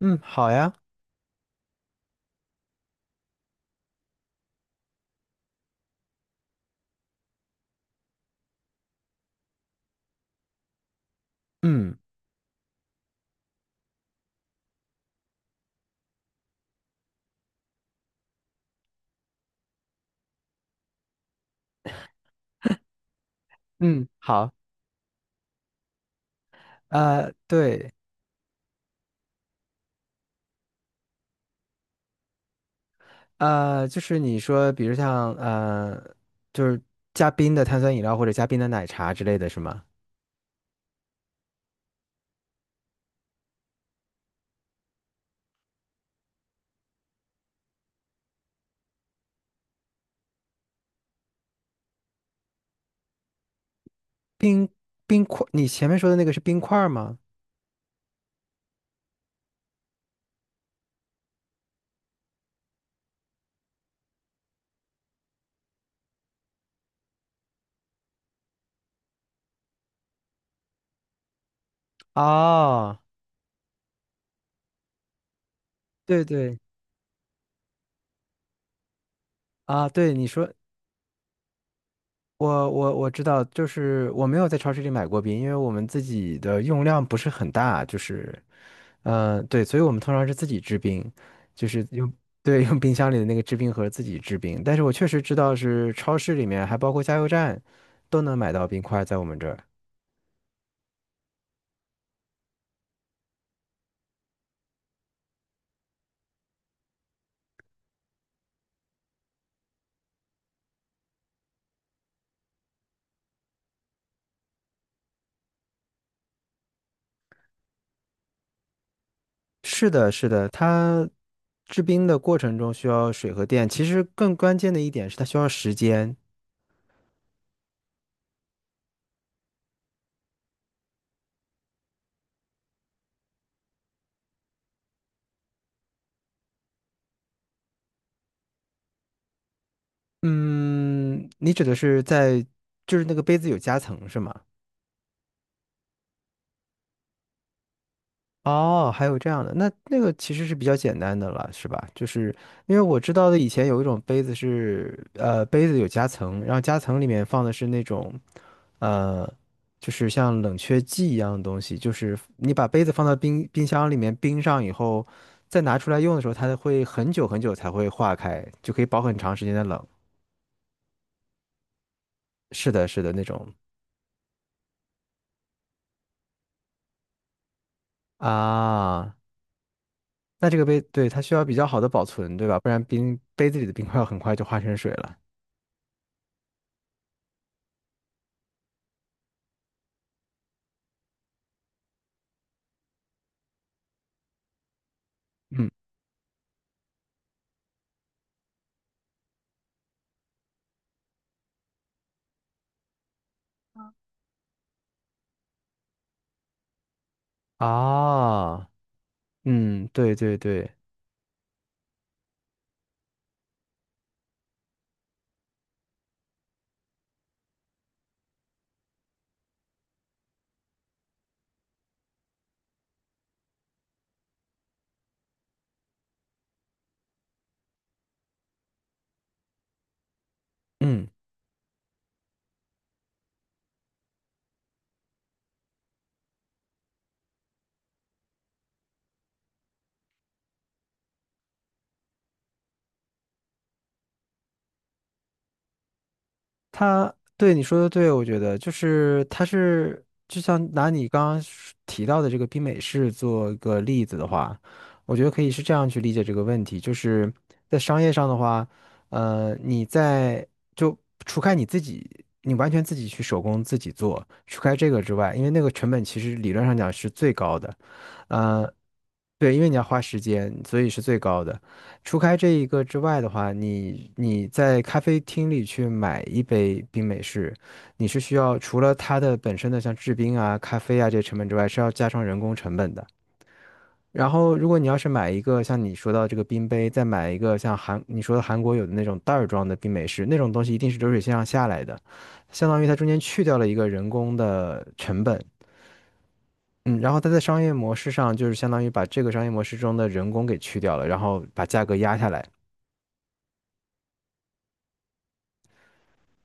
嗯，好呀，嗯嗯，好，对，就是你说，比如像就是加冰的碳酸饮料或者加冰的奶茶之类的是吗？冰冰块，你前面说的那个是冰块儿吗？哦，对对啊，对，你说，我知道，就是我没有在超市里买过冰，因为我们自己的用量不是很大，就是。对，所以我们通常是自己制冰，就是用，对，用冰箱里的那个制冰盒自己制冰。但是我确实知道是超市里面，还包括加油站，都能买到冰块，在我们这儿。是的，是的，它制冰的过程中需要水和电，其实更关键的一点是它需要时间。嗯，你指的是在，就是那个杯子有夹层是吗？哦，还有这样的，那个其实是比较简单的了，是吧？就是因为我知道的，以前有一种杯子是，杯子有夹层，然后夹层里面放的是那种，呃，就是像冷却剂一样的东西，就是你把杯子放到冰箱里面冰上以后，再拿出来用的时候，它会很久很久才会化开，就可以保很长时间的冷。是的，是的，那种啊，那这个杯，对，它需要比较好的保存，对吧？不然冰杯子里的冰块很快就化成水了。嗯。啊，嗯，对对对，嗯，他对你说的对，我觉得就是他是就像拿你刚刚说提到的这个冰美式做一个例子的话，我觉得可以是这样去理解这个问题，就是在商业上的话，呃，你在就除开你自己，你完全自己去手工自己做，除开这个之外，因为那个成本其实理论上讲是最高的。呃，对，因为你要花时间，所以是最高的。除开这一个之外的话，你在咖啡厅里去买一杯冰美式，你是需要除了它的本身的像制冰啊、咖啡啊这些成本之外，是要加上人工成本的。然后，如果你要是买一个像你说到这个冰杯，再买一个像你说的韩国有的那种袋儿装的冰美式，那种东西一定是流水线上下来的，相当于它中间去掉了一个人工的成本。嗯，然后它在商业模式上，就是相当于把这个商业模式中的人工给去掉了，然后把价格压下来。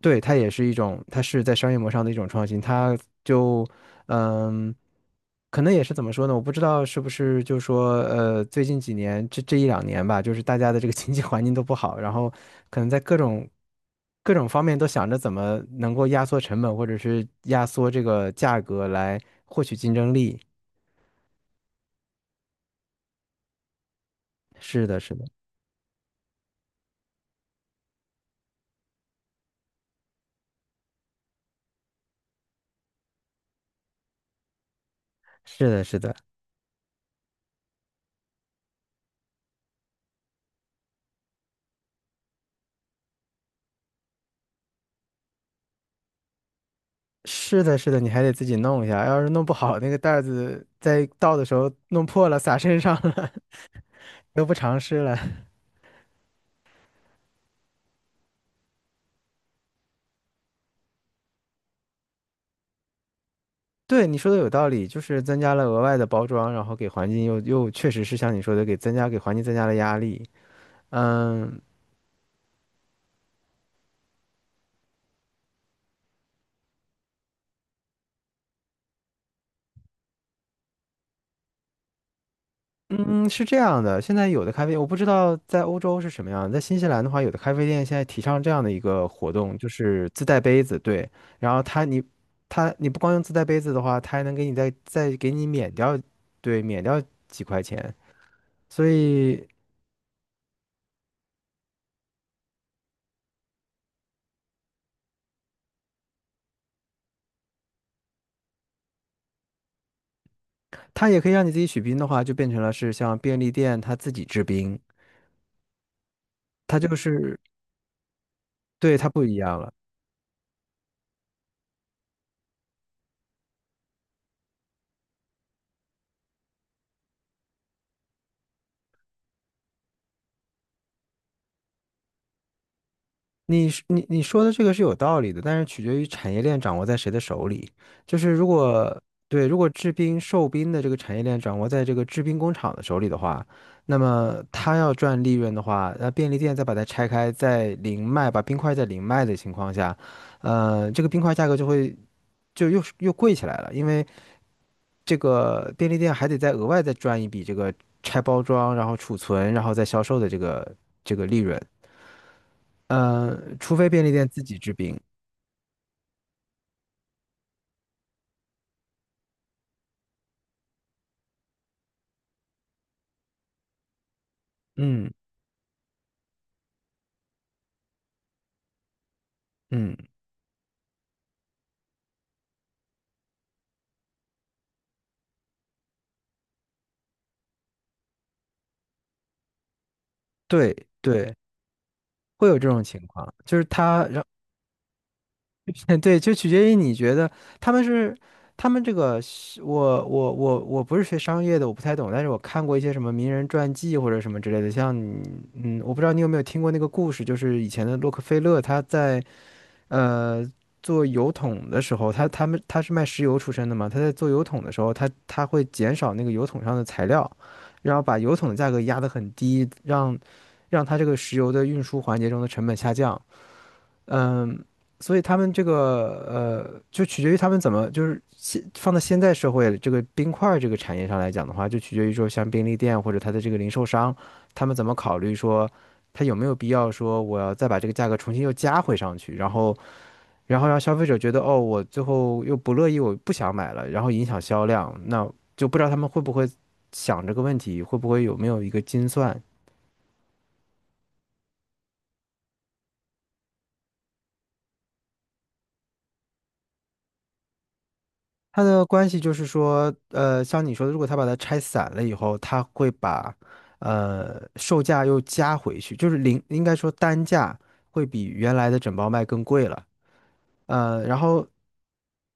对，它也是一种，它是在商业模式上的一种创新。它就，嗯，可能也是怎么说呢？我不知道是不是就是说，最近几年这一两年吧，就是大家的这个经济环境都不好，然后可能在各种方面都想着怎么能够压缩成本，或者是压缩这个价格来获取竞争力。是的，是的，是的，是的。是的，是的，你还得自己弄一下，要是弄不好，那个袋儿子在倒的时候弄破了，洒身上了，得不偿失了。对，你说的有道理，就是增加了额外的包装，然后给环境又确实是像你说的，给环境增加了压力。嗯，嗯，是这样的，现在有的咖啡，我不知道在欧洲是什么样，在新西兰的话，有的咖啡店现在提倡这样的一个活动，就是自带杯子，对，然后他你不光用自带杯子的话，他还能给你再给你免掉，对，免掉几块钱，所以它也可以让你自己取冰的话，就变成了是像便利店他自己制冰，它就是对它不一样了。你是你你说的这个是有道理的，但是取决于产业链掌握在谁的手里。就是如果对，如果制冰售冰的这个产业链掌握在这个制冰工厂的手里的话，那么他要赚利润的话，那便利店再把它拆开，再零卖，把冰块再零卖的情况下，这个冰块价格就又贵起来了，因为这个便利店还得再额外再赚一笔这个拆包装，然后储存，然后再销售的这个利润。除非便利店自己制冰。嗯嗯，对对，会有这种情况，就是他让，对，就取决于你觉得他们是他们这个是我不是学商业的，我不太懂，但是我看过一些什么名人传记或者什么之类的，像你嗯，我不知道你有没有听过那个故事，就是以前的洛克菲勒呃，做油桶的时候，他是卖石油出身的嘛，他在做油桶的时候，他会减少那个油桶上的材料，然后把油桶的价格压得很低，让它这个石油的运输环节中的成本下降。嗯，所以他们这个就取决于他们怎么就是放到现在社会这个冰块儿这个产业上来讲的话，就取决于说像便利店或者它的这个零售商，他们怎么考虑说。他有没有必要说我要再把这个价格重新又加回上去，然后让消费者觉得哦，我最后又不乐意，我不想买了，然后影响销量，那就不知道他们会不会想这个问题，会不会有没有一个精算？它的关系就是说，像你说的，如果他把它拆散了以后，他会把售价又加回去，就是零，应该说单价会比原来的整包卖更贵了。然后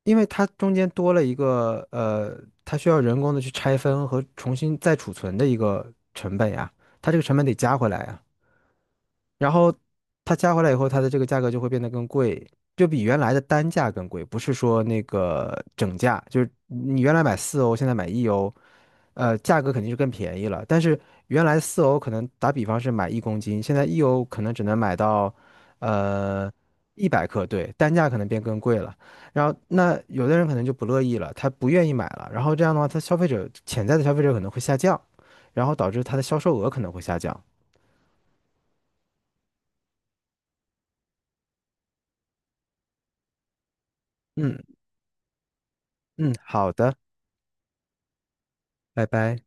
因为它中间多了一个它需要人工的去拆分和重新再储存的一个成本呀，它这个成本得加回来呀。然后它加回来以后，它的这个价格就会变得更贵，就比原来的单价更贵，不是说那个整价，就是你原来买四欧，现在买一欧，价格肯定是更便宜了。但是原来四欧可能打比方是买1公斤，现在一欧可能只能买到呃100克，对，单价可能变更贵了。然后那有的人可能就不乐意了，他不愿意买了，然后这样的话，他消费者潜在的消费者可能会下降，然后导致它的销售额可能会下降。嗯嗯，好的。拜拜。